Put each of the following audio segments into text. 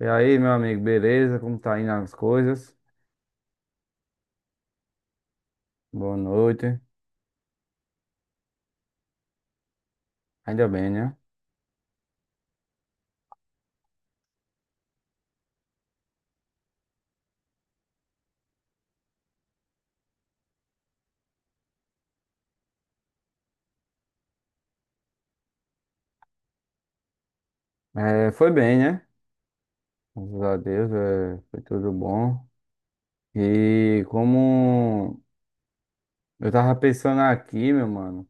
E aí, meu amigo, beleza? Como tá indo as coisas? Boa noite. Ainda bem, né? É, foi bem, né? Graças a Deus, é, foi tudo bom. E como eu tava pensando aqui, meu mano,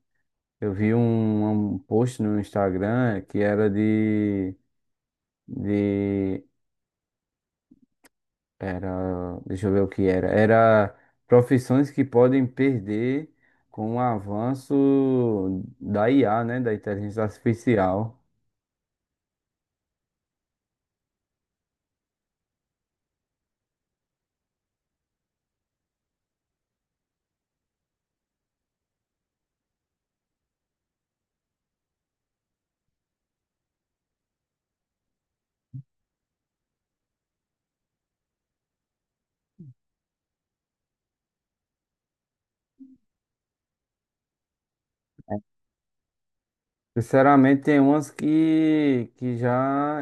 eu vi um post no Instagram que era de, era, deixa eu ver o que era. Era profissões que podem perder com o avanço da IA, né? Da inteligência artificial. Sinceramente, tem umas que já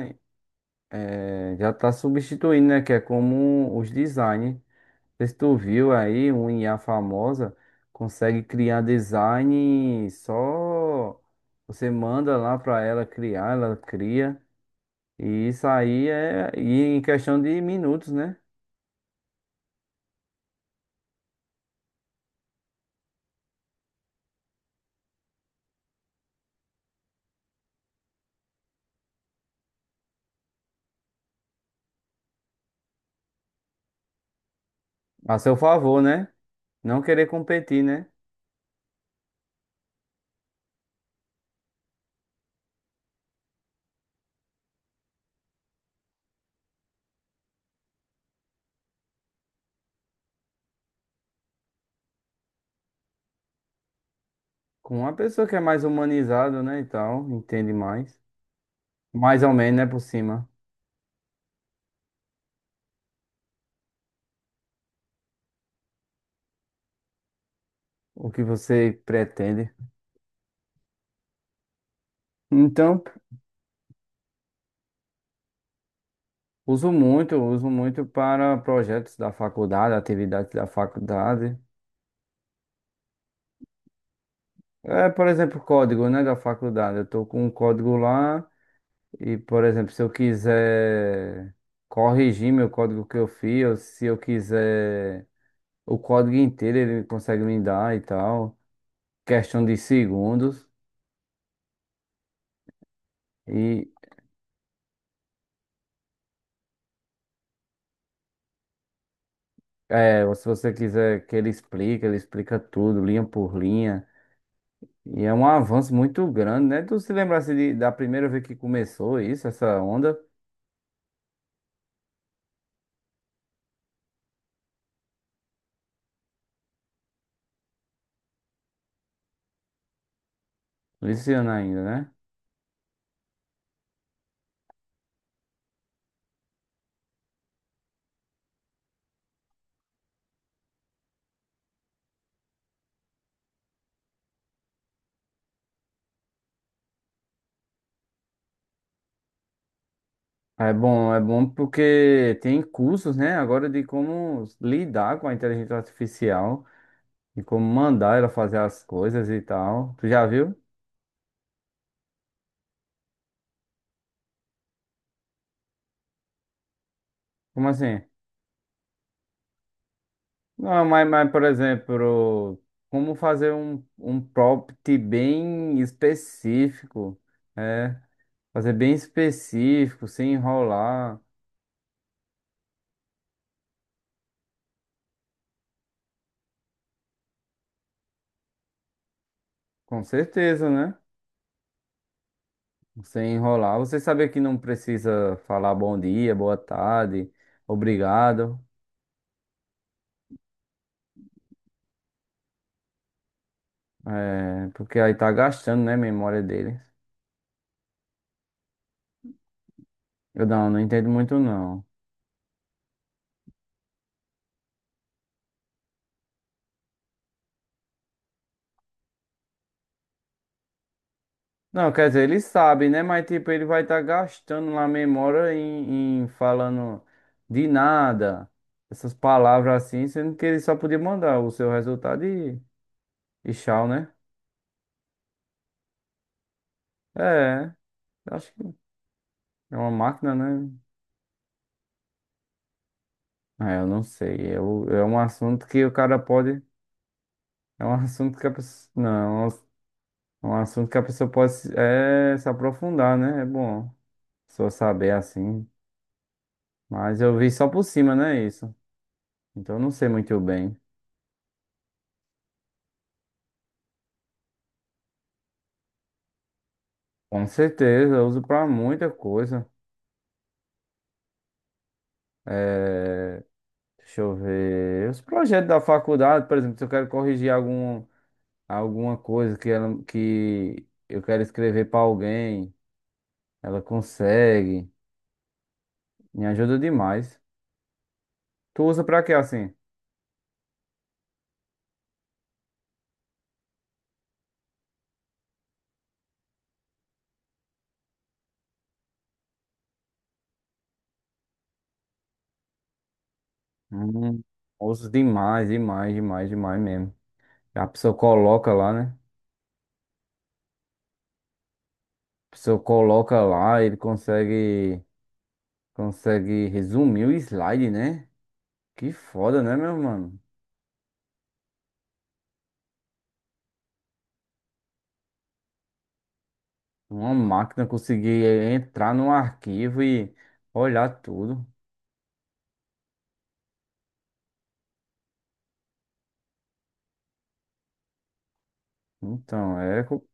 já tá substituindo, né? Que é como os design. Não sei se tu viu aí, um IA famosa consegue criar design só você manda lá para ela criar, ela cria. E isso aí é e em questão de minutos, né? A seu favor, né? Não querer competir, né? Com uma pessoa que é mais humanizada, né? E tal, entende mais. Mais ou menos, né? Por cima. O que você pretende. Então, uso muito para projetos da faculdade, atividades da faculdade. É, por exemplo, código, né, da faculdade. Eu estou com um código lá e, por exemplo, se eu quiser corrigir meu código que eu fiz, ou se eu quiser o código inteiro, ele consegue me dar e tal. Questão de segundos. E é, ou se você quiser que ele explique, ele explica tudo, linha por linha. E é um avanço muito grande, né? Tu se lembrasse da primeira vez que começou isso, essa onda? Esse ainda, né? É bom porque tem cursos, né? Agora de como lidar com a inteligência artificial e como mandar ela fazer as coisas e tal. Tu já viu? Como assim? Não, mas por exemplo, como fazer um prompt bem específico, é? Fazer bem específico, sem enrolar. Com certeza, né? Sem enrolar. Você sabe que não precisa falar bom dia, boa tarde, obrigado, é, porque aí tá gastando, né, a memória dele. Eu não, não entendo muito não. Não, quer dizer, ele sabe, né, mas tipo, ele vai estar gastando lá a memória em falando de nada, essas palavras assim, sendo que ele só podia mandar o seu resultado e tchau, né? É, eu acho que é uma máquina, né? É, eu não sei, é, o- é um assunto que o cara pode... É um assunto que a pessoa. Não, é um assunto que a pessoa pode se- é, se aprofundar, né? É bom só saber assim. Mas eu vi só por cima, né? Isso. Então eu não sei muito bem. Com certeza, eu uso pra muita coisa. É, deixa eu ver. Os projetos da faculdade, por exemplo, se eu quero corrigir algum, alguma coisa que, ela, que eu quero escrever pra alguém, ela consegue. Me ajuda demais. Tu usa pra quê assim? Hum, osso demais, demais, demais, demais mesmo. A pessoa coloca lá, né? A pessoa coloca lá, ele consegue, consegue resumir o slide, né? Que foda, né, meu mano? Uma máquina conseguir entrar no arquivo e olhar tudo. Então, é. Co-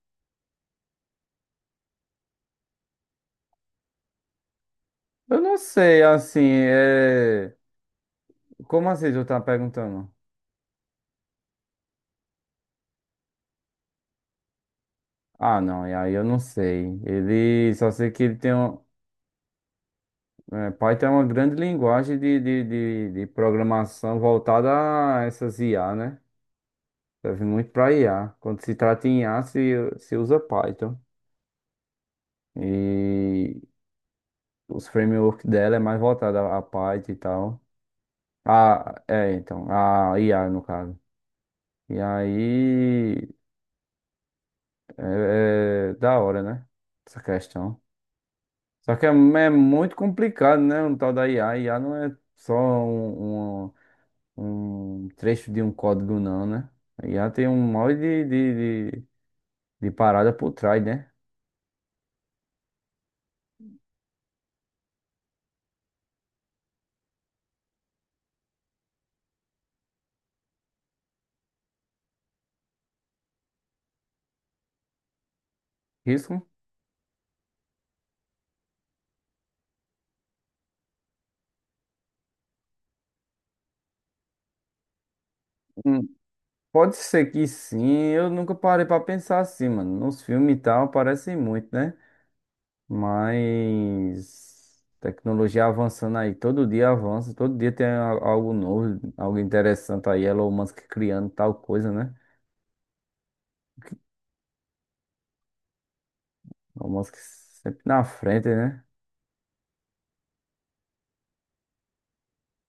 eu não sei, assim, é. Como assim tu tá perguntando? Ah, não, e aí eu não sei. Ele só sei que ele tem um. É, Python é uma grande linguagem de programação voltada a essas IA, né? Serve muito para IA. Quando se trata em IA, se usa Python. E os frameworks dela é mais voltada a Python e tal. Ah, é, então, a IA no caso. E aí, é, é da hora, né? Essa questão. Só que é, é muito complicado, né? Um tal da IA. IA não é só um trecho de um código não, né? Aí já tem um monte de parada por trás, né? Risco? Hum, Pode ser que sim, eu nunca parei pra pensar assim, mano. Nos filmes e tal, aparecem muito, né? Mas tecnologia avançando aí, todo dia avança, todo dia tem a- algo novo, algo interessante aí. Elon Musk criando tal coisa, né? Elon Musk sempre na frente, né?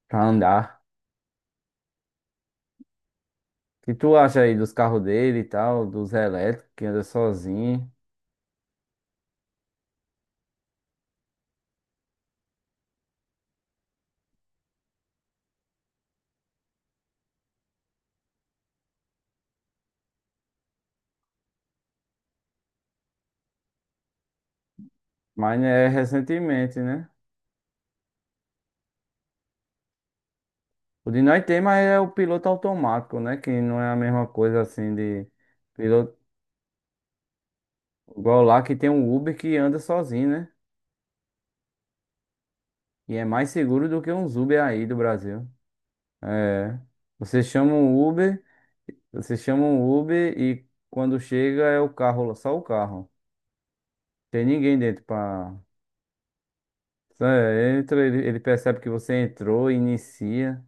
Pra andar. O que tu acha aí dos carros dele e tal, dos elétricos que anda sozinho? Mas é recentemente, né? O de nós tem, mas é o piloto automático, né? Que não é a mesma coisa assim de piloto. Igual lá que tem um Uber que anda sozinho, né? E é mais seguro do que uns Uber aí do Brasil. É. Você chama um Uber, você chama um Uber e quando chega é o carro, só o carro. Tem ninguém dentro pra. Só é, entra, ele percebe que você entrou, inicia.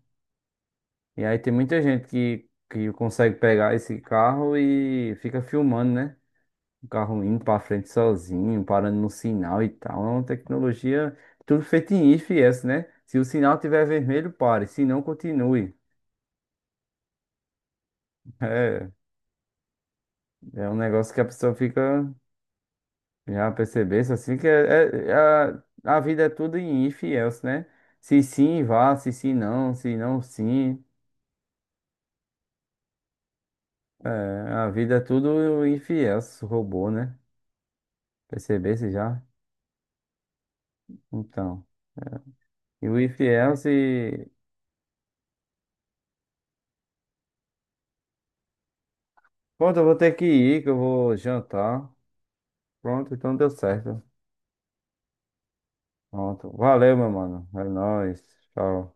E aí tem muita gente que consegue pegar esse carro e fica filmando, né? Um carro indo pra frente sozinho, parando no sinal e tal. É uma tecnologia tudo feito em IFS, né? Se o sinal tiver vermelho, pare. Se não, continue. É, é um negócio que a pessoa fica já percebesse assim que é, é- é a vida é tudo em IFS, né? Se sim, vá. Se sim, não. Se não, sim. É, a vida é tudo IFS, robô, né? Percebesse já? Então. E o IFS. E- else. Pronto, eu vou ter que ir, que eu vou jantar. Pronto, então deu certo. Pronto. Valeu, meu mano. É nóis. Tchau.